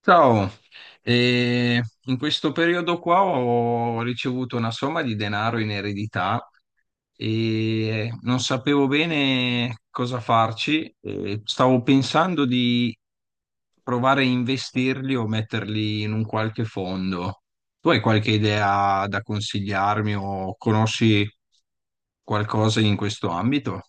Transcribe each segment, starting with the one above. Ciao. E in questo periodo qua ho ricevuto una somma di denaro in eredità e non sapevo bene cosa farci. E stavo pensando di provare a investirli o metterli in un qualche fondo. Tu hai qualche idea da consigliarmi o conosci qualcosa in questo ambito?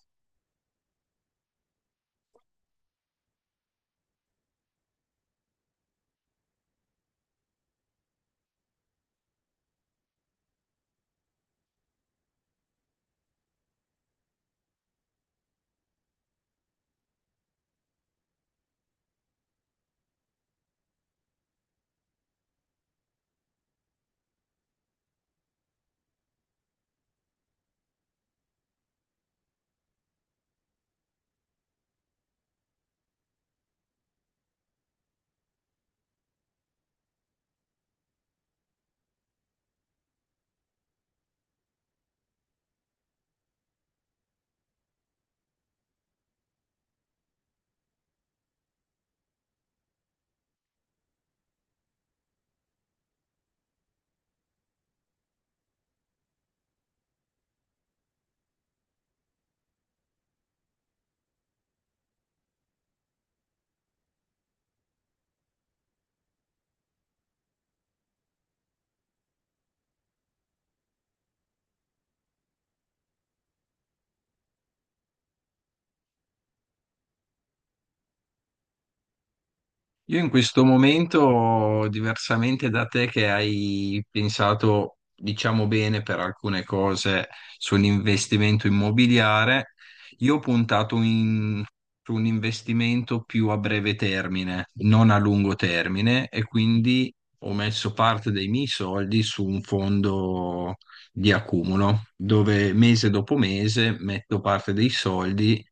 Io in questo momento, diversamente da te che hai pensato, diciamo bene per alcune cose sull'investimento immobiliare, io ho puntato su un investimento più a breve termine, non a lungo termine, e quindi ho messo parte dei miei soldi su un fondo di accumulo, dove mese dopo mese metto parte dei soldi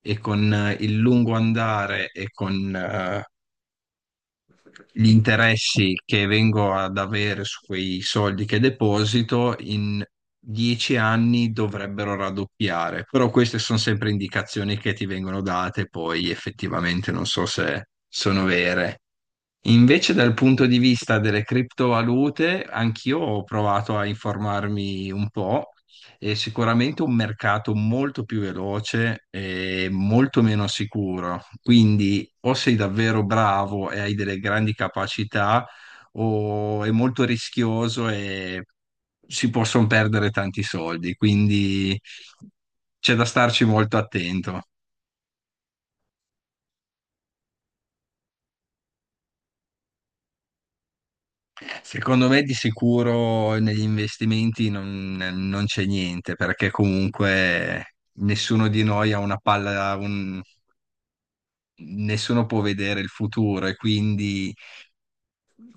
e con il lungo andare e con gli interessi che vengo ad avere su quei soldi che deposito in 10 anni dovrebbero raddoppiare, però queste sono sempre indicazioni che ti vengono date, poi effettivamente non so se sono vere. Invece dal punto di vista delle criptovalute, anch'io ho provato a informarmi un po'. È sicuramente un mercato molto più veloce e molto meno sicuro. Quindi o sei davvero bravo e hai delle grandi capacità, o è molto rischioso e si possono perdere tanti soldi. Quindi c'è da starci molto attento. Secondo me di sicuro negli investimenti non c'è niente, perché comunque nessuno di noi ha una palla, nessuno può vedere il futuro e quindi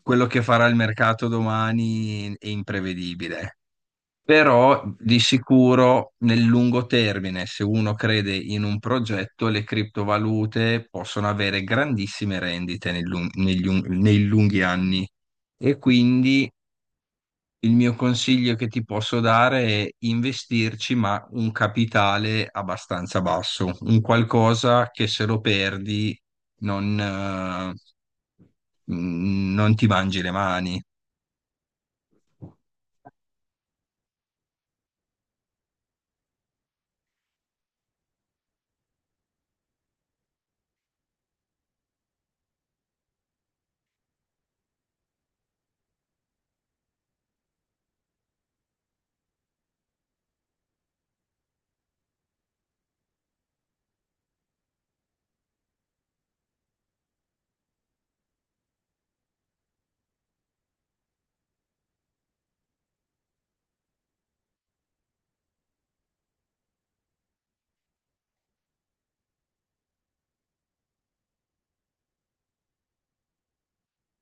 quello che farà il mercato domani è imprevedibile. Però di sicuro nel lungo termine, se uno crede in un progetto, le criptovalute possono avere grandissime rendite nel lung- negli un- nei lunghi anni. E quindi il mio consiglio che ti posso dare è investirci, ma un capitale abbastanza basso, un qualcosa che se lo perdi non, eh, non ti mangi le mani.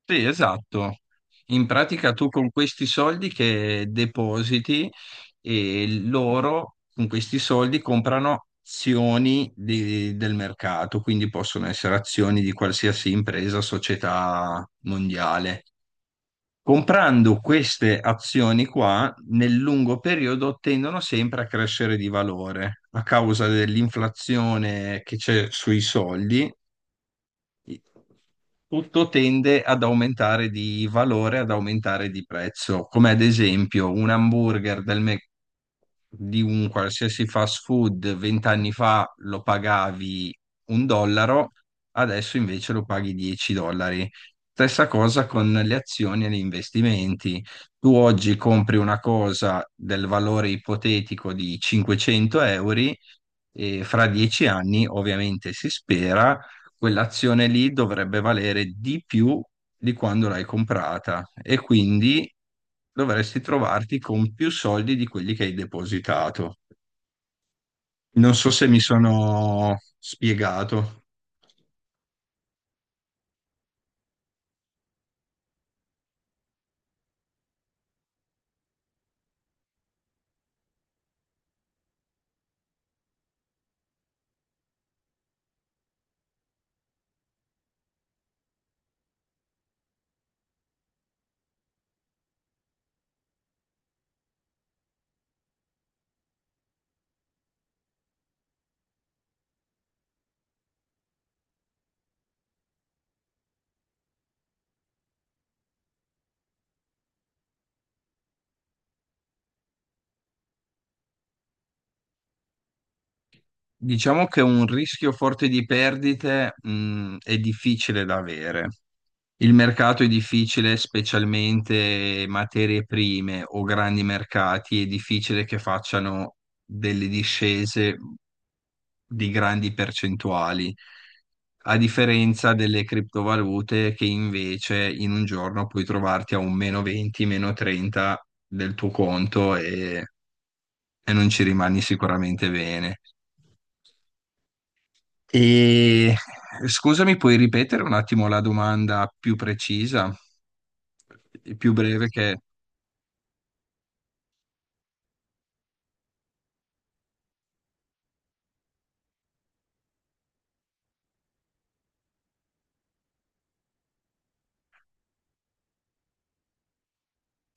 Sì, esatto. In pratica tu con questi soldi che depositi e loro con questi soldi comprano azioni del mercato, quindi possono essere azioni di qualsiasi impresa, società mondiale. Comprando queste azioni qua, nel lungo periodo tendono sempre a crescere di valore a causa dell'inflazione che c'è sui soldi, tutto tende ad aumentare di valore, ad aumentare di prezzo, come ad esempio un hamburger del di un qualsiasi fast food 20 anni fa lo pagavi 1 dollaro, adesso invece lo paghi 10 dollari. Stessa cosa con le azioni e gli investimenti. Tu oggi compri una cosa del valore ipotetico di 500 euro e fra 10 anni, ovviamente si spera, quell'azione lì dovrebbe valere di più di quando l'hai comprata e quindi dovresti trovarti con più soldi di quelli che hai depositato. Non so se mi sono spiegato. Diciamo che un rischio forte di perdite, è difficile da avere. Il mercato è difficile, specialmente materie prime o grandi mercati, è difficile che facciano delle discese di grandi percentuali, a differenza delle criptovalute che invece in un giorno puoi trovarti a un meno 20, meno 30 del tuo conto e non ci rimani sicuramente bene. E scusami, puoi ripetere un attimo la domanda più precisa, più breve che.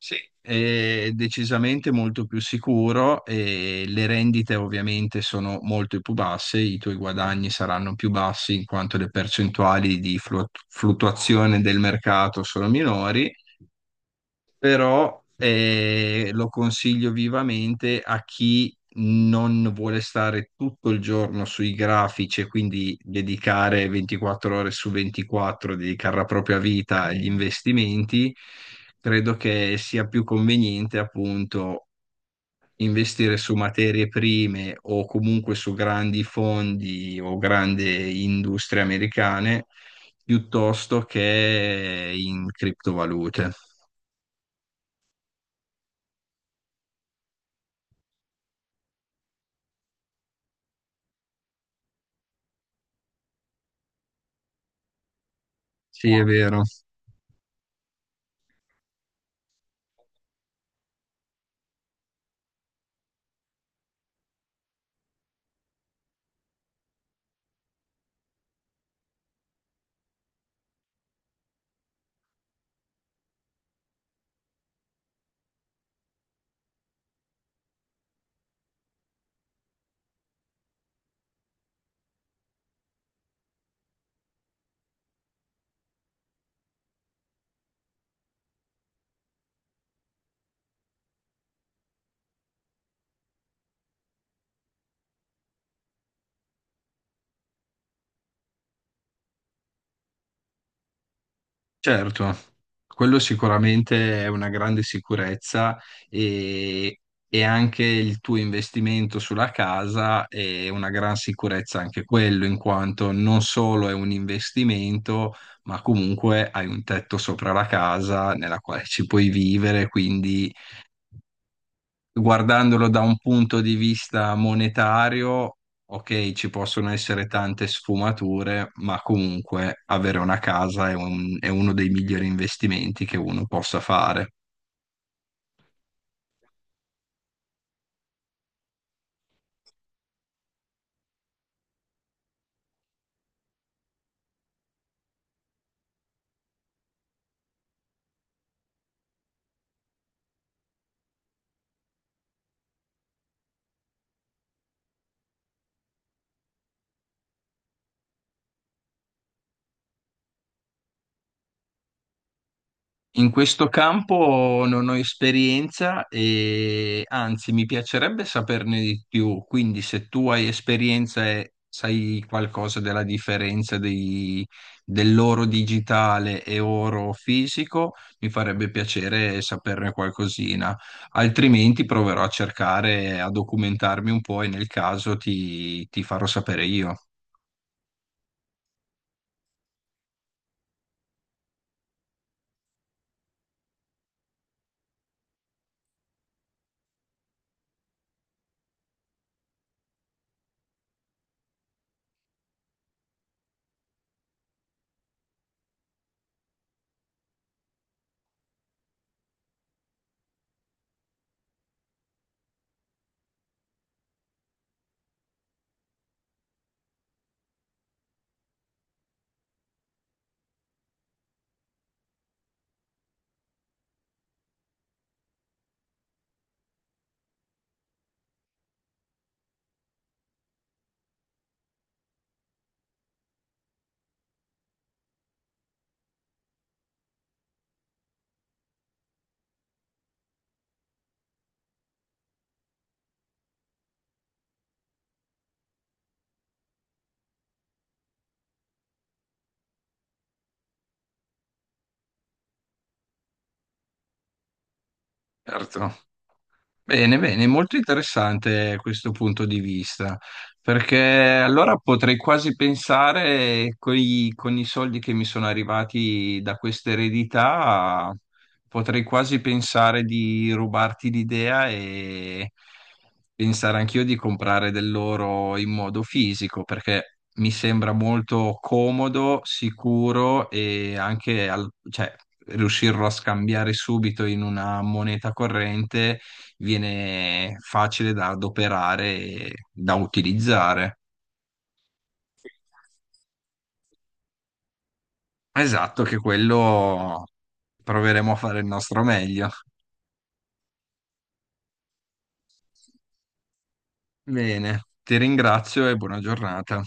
Sì, è decisamente molto più sicuro e le rendite ovviamente sono molto più basse, i tuoi guadagni saranno più bassi in quanto le percentuali di fluttuazione del mercato sono minori, però lo consiglio vivamente a chi non vuole stare tutto il giorno sui grafici e quindi dedicare 24 ore su 24, dedicare la propria vita agli investimenti. Credo che sia più conveniente appunto investire su materie prime o comunque su grandi fondi o grandi industrie americane piuttosto che in criptovalute. Sì, è vero. Certo, quello sicuramente è una grande sicurezza e, e anche il tuo investimento sulla casa è una gran sicurezza anche quello, in quanto non solo è un investimento, ma comunque hai un tetto sopra la casa nella quale ci puoi vivere, quindi guardandolo da un punto di vista monetario, ok, ci possono essere tante sfumature, ma comunque avere una casa è uno dei migliori investimenti che uno possa fare. In questo campo non ho esperienza e anzi mi piacerebbe saperne di più, quindi se tu hai esperienza e sai qualcosa della differenza dell'oro digitale e oro fisico, mi farebbe piacere saperne qualcosina, altrimenti proverò a cercare, a documentarmi un po' e nel caso ti farò sapere io. Certo. Bene, bene, molto interessante questo punto di vista, perché allora potrei quasi pensare con i soldi che mi sono arrivati da questa eredità, potrei quasi pensare di rubarti l'idea e pensare anch'io di comprare dell'oro in modo fisico, perché mi sembra molto comodo, sicuro e anche cioè, riuscirlo a scambiare subito in una moneta corrente viene facile da adoperare e da utilizzare. Esatto, che quello proveremo a fare il nostro meglio. Bene, ti ringrazio e buona giornata.